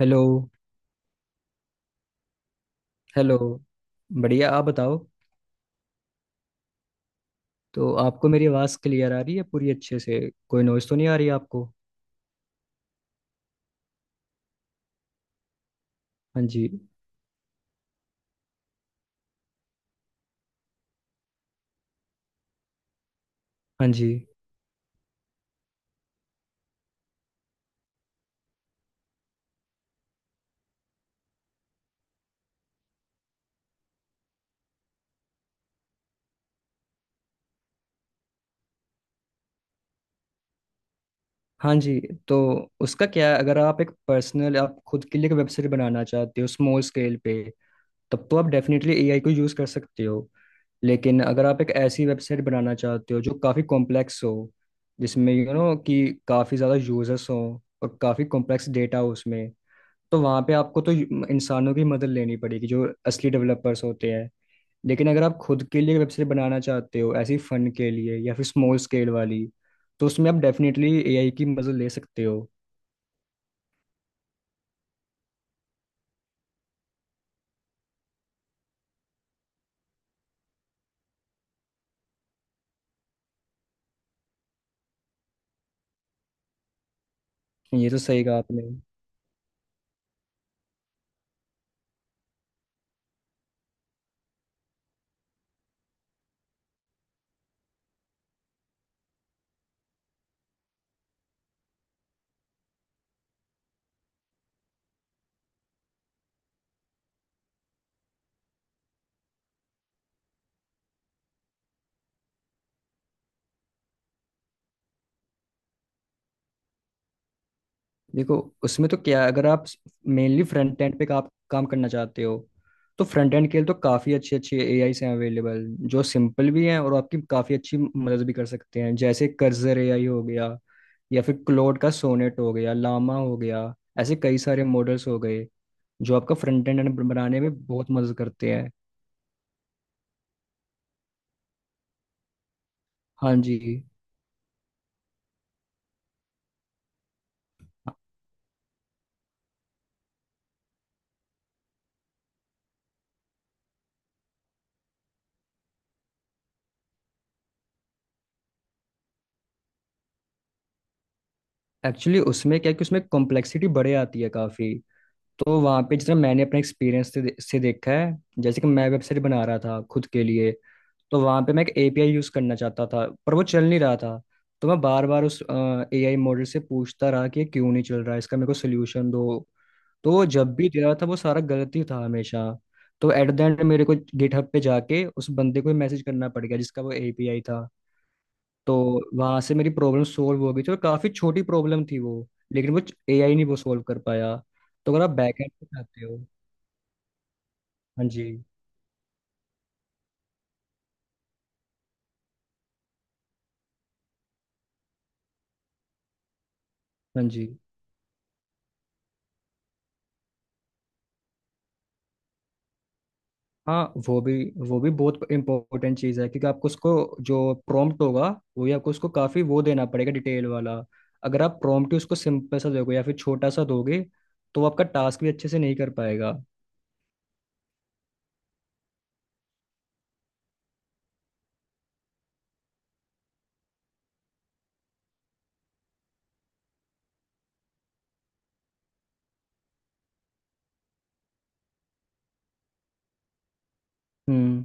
Hello. Hello. बढ़िया, आप बताओ। तो आपको मेरी आवाज़ क्लियर आ रही है पूरी अच्छे से? कोई नॉइज़ तो नहीं आ रही आपको? हाँ जी। हाँ जी। हाँ जी। तो उसका क्या है, अगर आप एक पर्सनल, आप खुद के लिए एक वेबसाइट बनाना चाहते हो स्मॉल स्केल पे, तब तो आप डेफिनेटली एआई को यूज़ कर सकते हो। लेकिन अगर आप एक ऐसी वेबसाइट बनाना चाहते हो जो काफ़ी कॉम्प्लेक्स हो, जिसमें यू नो कि काफ़ी ज़्यादा यूजर्स हों और काफ़ी कॉम्प्लेक्स डेटा हो उसमें, तो वहां पे आपको तो इंसानों की मदद लेनी पड़ेगी जो असली डेवलपर्स होते हैं। लेकिन अगर आप खुद के लिए वेबसाइट बनाना चाहते हो ऐसी फंड के लिए या फिर स्मॉल स्केल वाली, तो उसमें आप डेफिनेटली एआई की मदद ले सकते हो। ये तो सही कहा आपने। देखो, उसमें तो क्या है, अगर आप मेनली फ्रंट एंड पे आप काम करना चाहते हो, तो फ्रंट एंड के लिए तो काफ़ी अच्छे अच्छे एआई हैं अवेलेबल, जो सिंपल भी हैं और आपकी काफ़ी अच्छी मदद भी कर सकते हैं। जैसे कर्जर एआई हो गया, या फिर क्लोड का सोनेट हो गया, लामा हो गया, ऐसे कई सारे मॉडल्स हो गए जो आपका फ्रंट एंड बनाने में बहुत मदद करते हैं। हाँ जी। एक्चुअली उसमें क्या है कि उसमें कॉम्प्लेक्सिटी बढ़े आती है काफ़ी। तो वहाँ पे जितना मैंने अपने एक्सपीरियंस से देखा है, जैसे कि मैं वेबसाइट बना रहा था खुद के लिए, तो वहां पे मैं एक एपीआई यूज करना चाहता था पर वो चल नहीं रहा था। तो मैं बार बार उस एआई मॉडल से पूछता रहा कि ये क्यों नहीं चल रहा है, इसका मेरे को सोल्यूशन दो। तो वो जब भी दे रहा था वो सारा गलत ही था हमेशा। तो एट द एंड मेरे को गिटहब पे जाके उस बंदे को मैसेज करना पड़ गया जिसका वो एपीआई था। तो वहां से मेरी प्रॉब्लम सोल्व हो गई थी और काफी छोटी प्रॉब्लम थी वो। लेकिन वो एआई नहीं वो सोल्व कर पाया। तो अगर आप बैकएंड पे चाहते हो। हाँ जी। हाँ जी। हाँ, वो भी बहुत इंपॉर्टेंट चीज़ है, क्योंकि आपको उसको जो प्रॉम्प्ट होगा वो ही आपको उसको काफ़ी वो देना पड़ेगा, डिटेल वाला। अगर आप प्रॉम्प्ट ही उसको सिंपल सा दोगे या फिर छोटा सा दोगे, तो वो आपका टास्क भी अच्छे से नहीं कर पाएगा। हम्म।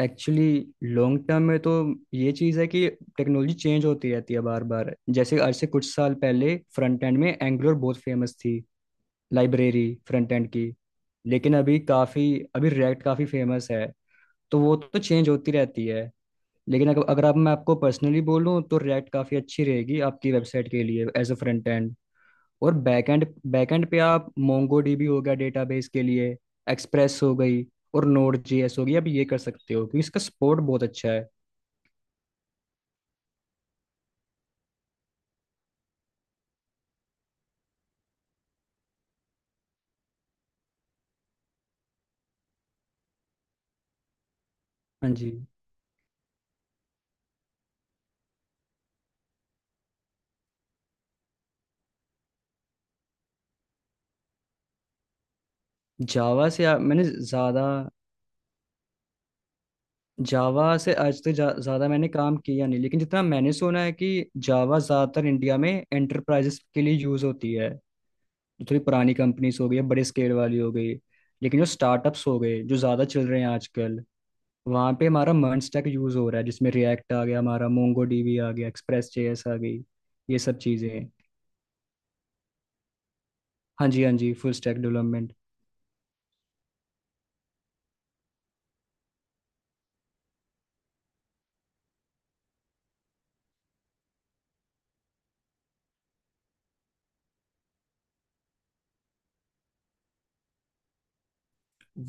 एक्चुअली लॉन्ग टर्म में तो ये चीज़ है कि टेक्नोलॉजी चेंज होती रहती है बार बार। जैसे आज से कुछ साल पहले फ्रंट एंड में एंगुलर बहुत फेमस थी, लाइब्रेरी फ्रंट एंड की। लेकिन अभी काफ़ी, अभी रिएक्ट काफ़ी फेमस है। तो वो तो चेंज होती रहती है। लेकिन अगर अगर आप, मैं आपको पर्सनली बोलूँ तो रिएक्ट काफ़ी अच्छी रहेगी आपकी वेबसाइट के लिए एज अ फ्रंट एंड। और बैक एंड, बैक एंड पे आप मोंगो डीबी हो गया डेटाबेस के लिए, एक्सप्रेस हो गई और नोड जेएस हो गई, आप ये कर सकते हो क्योंकि इसका सपोर्ट बहुत अच्छा है। हाँ जी। जावा से मैंने ज़्यादा, जावा से आज तक ज़्यादा मैंने काम किया नहीं। लेकिन जितना मैंने सुना है कि जावा ज़्यादातर इंडिया में एंटरप्राइजेस के लिए यूज़ होती है, जो थोड़ी पुरानी कंपनीज हो गई है बड़े स्केल वाली हो गई। लेकिन जो स्टार्टअप्स हो गए जो ज़्यादा चल रहे हैं आजकल, वहाँ पे हमारा मर्न स्टैक यूज़ हो रहा है, जिसमें रिएक्ट आ गया, हमारा मोंगो डीबी आ गया, एक्सप्रेस जेएस आ गई। ये सब चीज़ें हैं। हाँ जी। हाँ जी, फुल स्टैक डेवलपमेंट।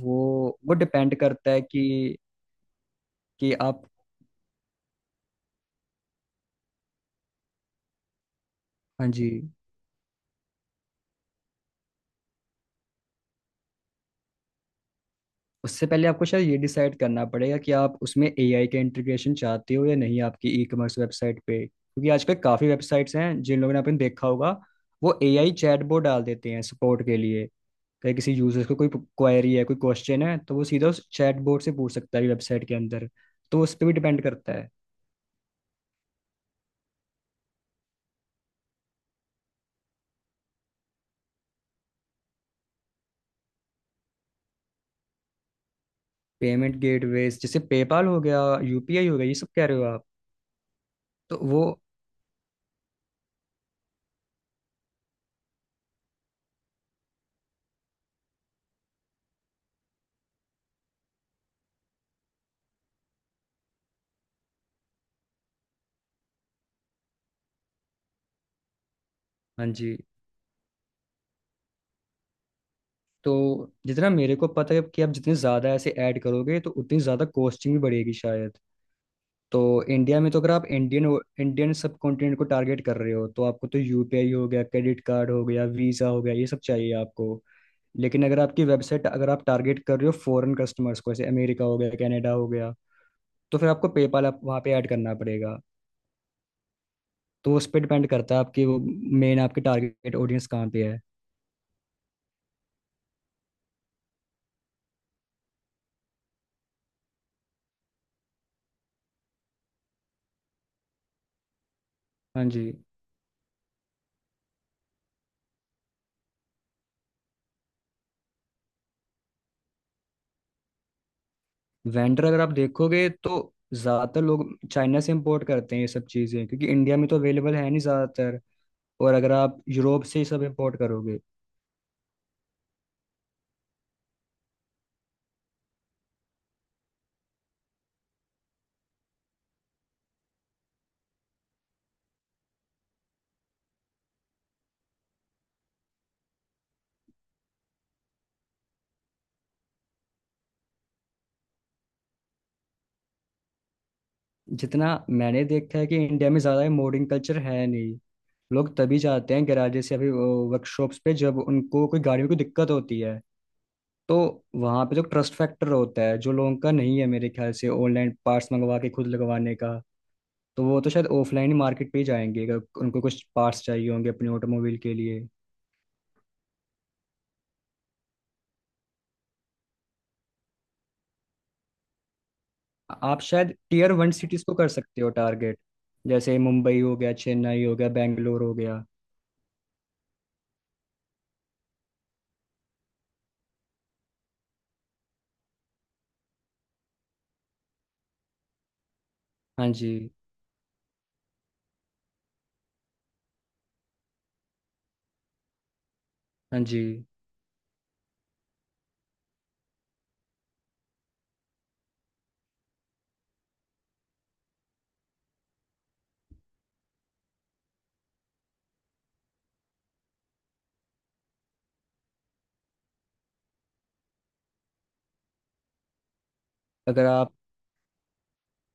वो वो डिपेंड करता है कि आप हाँ जी। उससे पहले आपको शायद ये डिसाइड करना पड़ेगा कि आप उसमें एआई का इंटीग्रेशन चाहते हो या नहीं आपकी ई कॉमर्स वेबसाइट पे, क्योंकि आजकल काफ़ी वेबसाइट्स हैं जिन लोगों ने, आपने देखा होगा वो एआई चैटबॉट डाल देते हैं सपोर्ट के लिए। कहीं किसी यूजर को कोई क्वेरी है, कोई क्वेश्चन है, तो वो सीधा उस चैटबॉट से पूछ सकता है वेबसाइट के अंदर। तो उस पर भी डिपेंड करता है। पेमेंट गेटवेज जैसे पेपाल हो गया, यूपीआई हो गया, ये सब कह रहे हो आप? तो वो, हाँ जी, तो जितना मेरे को पता है कि आप जितने ज़्यादा ऐसे ऐड करोगे तो उतनी ज़्यादा कॉस्टिंग भी बढ़ेगी शायद। तो इंडिया में तो, अगर आप इंडियन इंडियन सब कॉन्टिनेंट को टारगेट कर रहे हो, तो आपको तो यूपीआई हो गया, क्रेडिट कार्ड हो गया, वीज़ा हो गया, ये सब चाहिए आपको। लेकिन अगर आपकी वेबसाइट, अगर आप टारगेट कर रहे हो फॉरेन कस्टमर्स को, जैसे अमेरिका हो गया, कनाडा हो गया, तो फिर आपको पेपाल आप वहाँ पे ऐड करना पड़ेगा। तो उस पर डिपेंड करता है आपकी वो मेन आपकी टारगेट ऑडियंस कहाँ पे है। हाँ जी। वेंडर अगर आप देखोगे तो ज़्यादातर लोग चाइना से इम्पोर्ट करते हैं ये सब चीज़ें, क्योंकि इंडिया में तो अवेलेबल है नहीं ज़्यादातर। और अगर आप यूरोप से ही सब इम्पोर्ट करोगे। जितना मैंने देखा है कि इंडिया में ज़्यादा मोडिंग कल्चर है नहीं, लोग तभी जाते हैं गैराजेस या फिर वर्कशॉप्स पे जब उनको कोई गाड़ी में कोई दिक्कत होती है। तो वहाँ पे तो ट्रस्ट फैक्टर होता है जो लोगों का नहीं है मेरे ख्याल से, ऑनलाइन पार्ट्स मंगवा के खुद लगवाने का। तो वो तो शायद ऑफलाइन ही मार्केट पे ही जाएंगे, अगर उनको कुछ पार्ट्स चाहिए होंगे अपने ऑटोमोबाइल के लिए। आप शायद टीयर वन सिटीज़ को कर सकते हो टारगेट, जैसे मुंबई हो गया, चेन्नई हो गया, बेंगलोर हो गया। हाँ जी। हाँ जी। अगर आप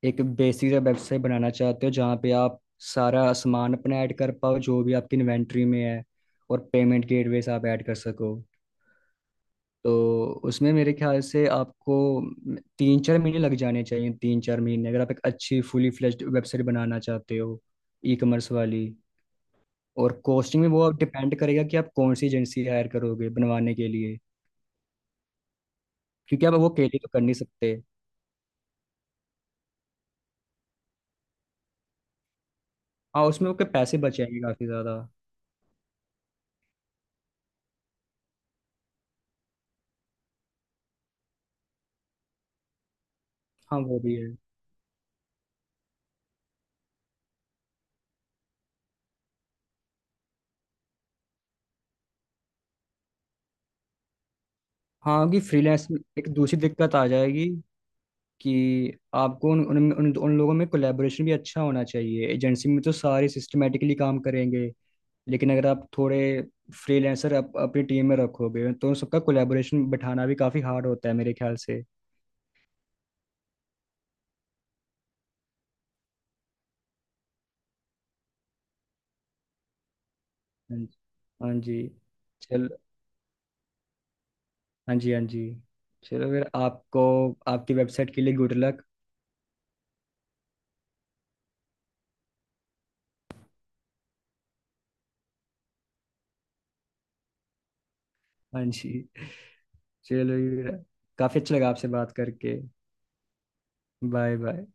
एक बेसिक वेबसाइट बनाना चाहते हो जहाँ पे आप सारा सामान अपना ऐड कर पाओ जो भी आपकी इन्वेंट्री में है, और पेमेंट गेटवेज आप ऐड कर सको, तो उसमें मेरे ख्याल से आपको 3-4 महीने लग जाने चाहिए। 3-4 महीने, अगर आप एक अच्छी फुली फ्लेज्ड वेबसाइट बनाना चाहते हो ई कॉमर्स वाली। और कॉस्टिंग में वो आप डिपेंड करेगा कि आप कौन सी एजेंसी हायर करोगे बनवाने के लिए, क्योंकि आप वो अकेले तो कर नहीं सकते। हाँ, उसमें आपके पैसे बचेंगे काफ़ी ज़्यादा। हाँ वो भी है। हाँ कि फ्रीलांस में एक दूसरी दिक्कत आ जाएगी कि आपको उन लोगों में कोलैबोरेशन भी अच्छा होना चाहिए। एजेंसी में तो सारे सिस्टमेटिकली काम करेंगे। लेकिन अगर आप थोड़े फ्रीलांसर आप अपनी टीम में रखोगे, तो उन सबका कोलैबोरेशन बिठाना भी काफ़ी हार्ड होता है मेरे ख्याल से। हाँ जी। हाँ जी। चल। हाँ जी। हाँ जी। चलो फिर आपको, आपकी वेबसाइट के लिए गुड लक। हाँ जी। चलो फिर। काफ़ी अच्छा लगा आपसे बात करके। Bye bye.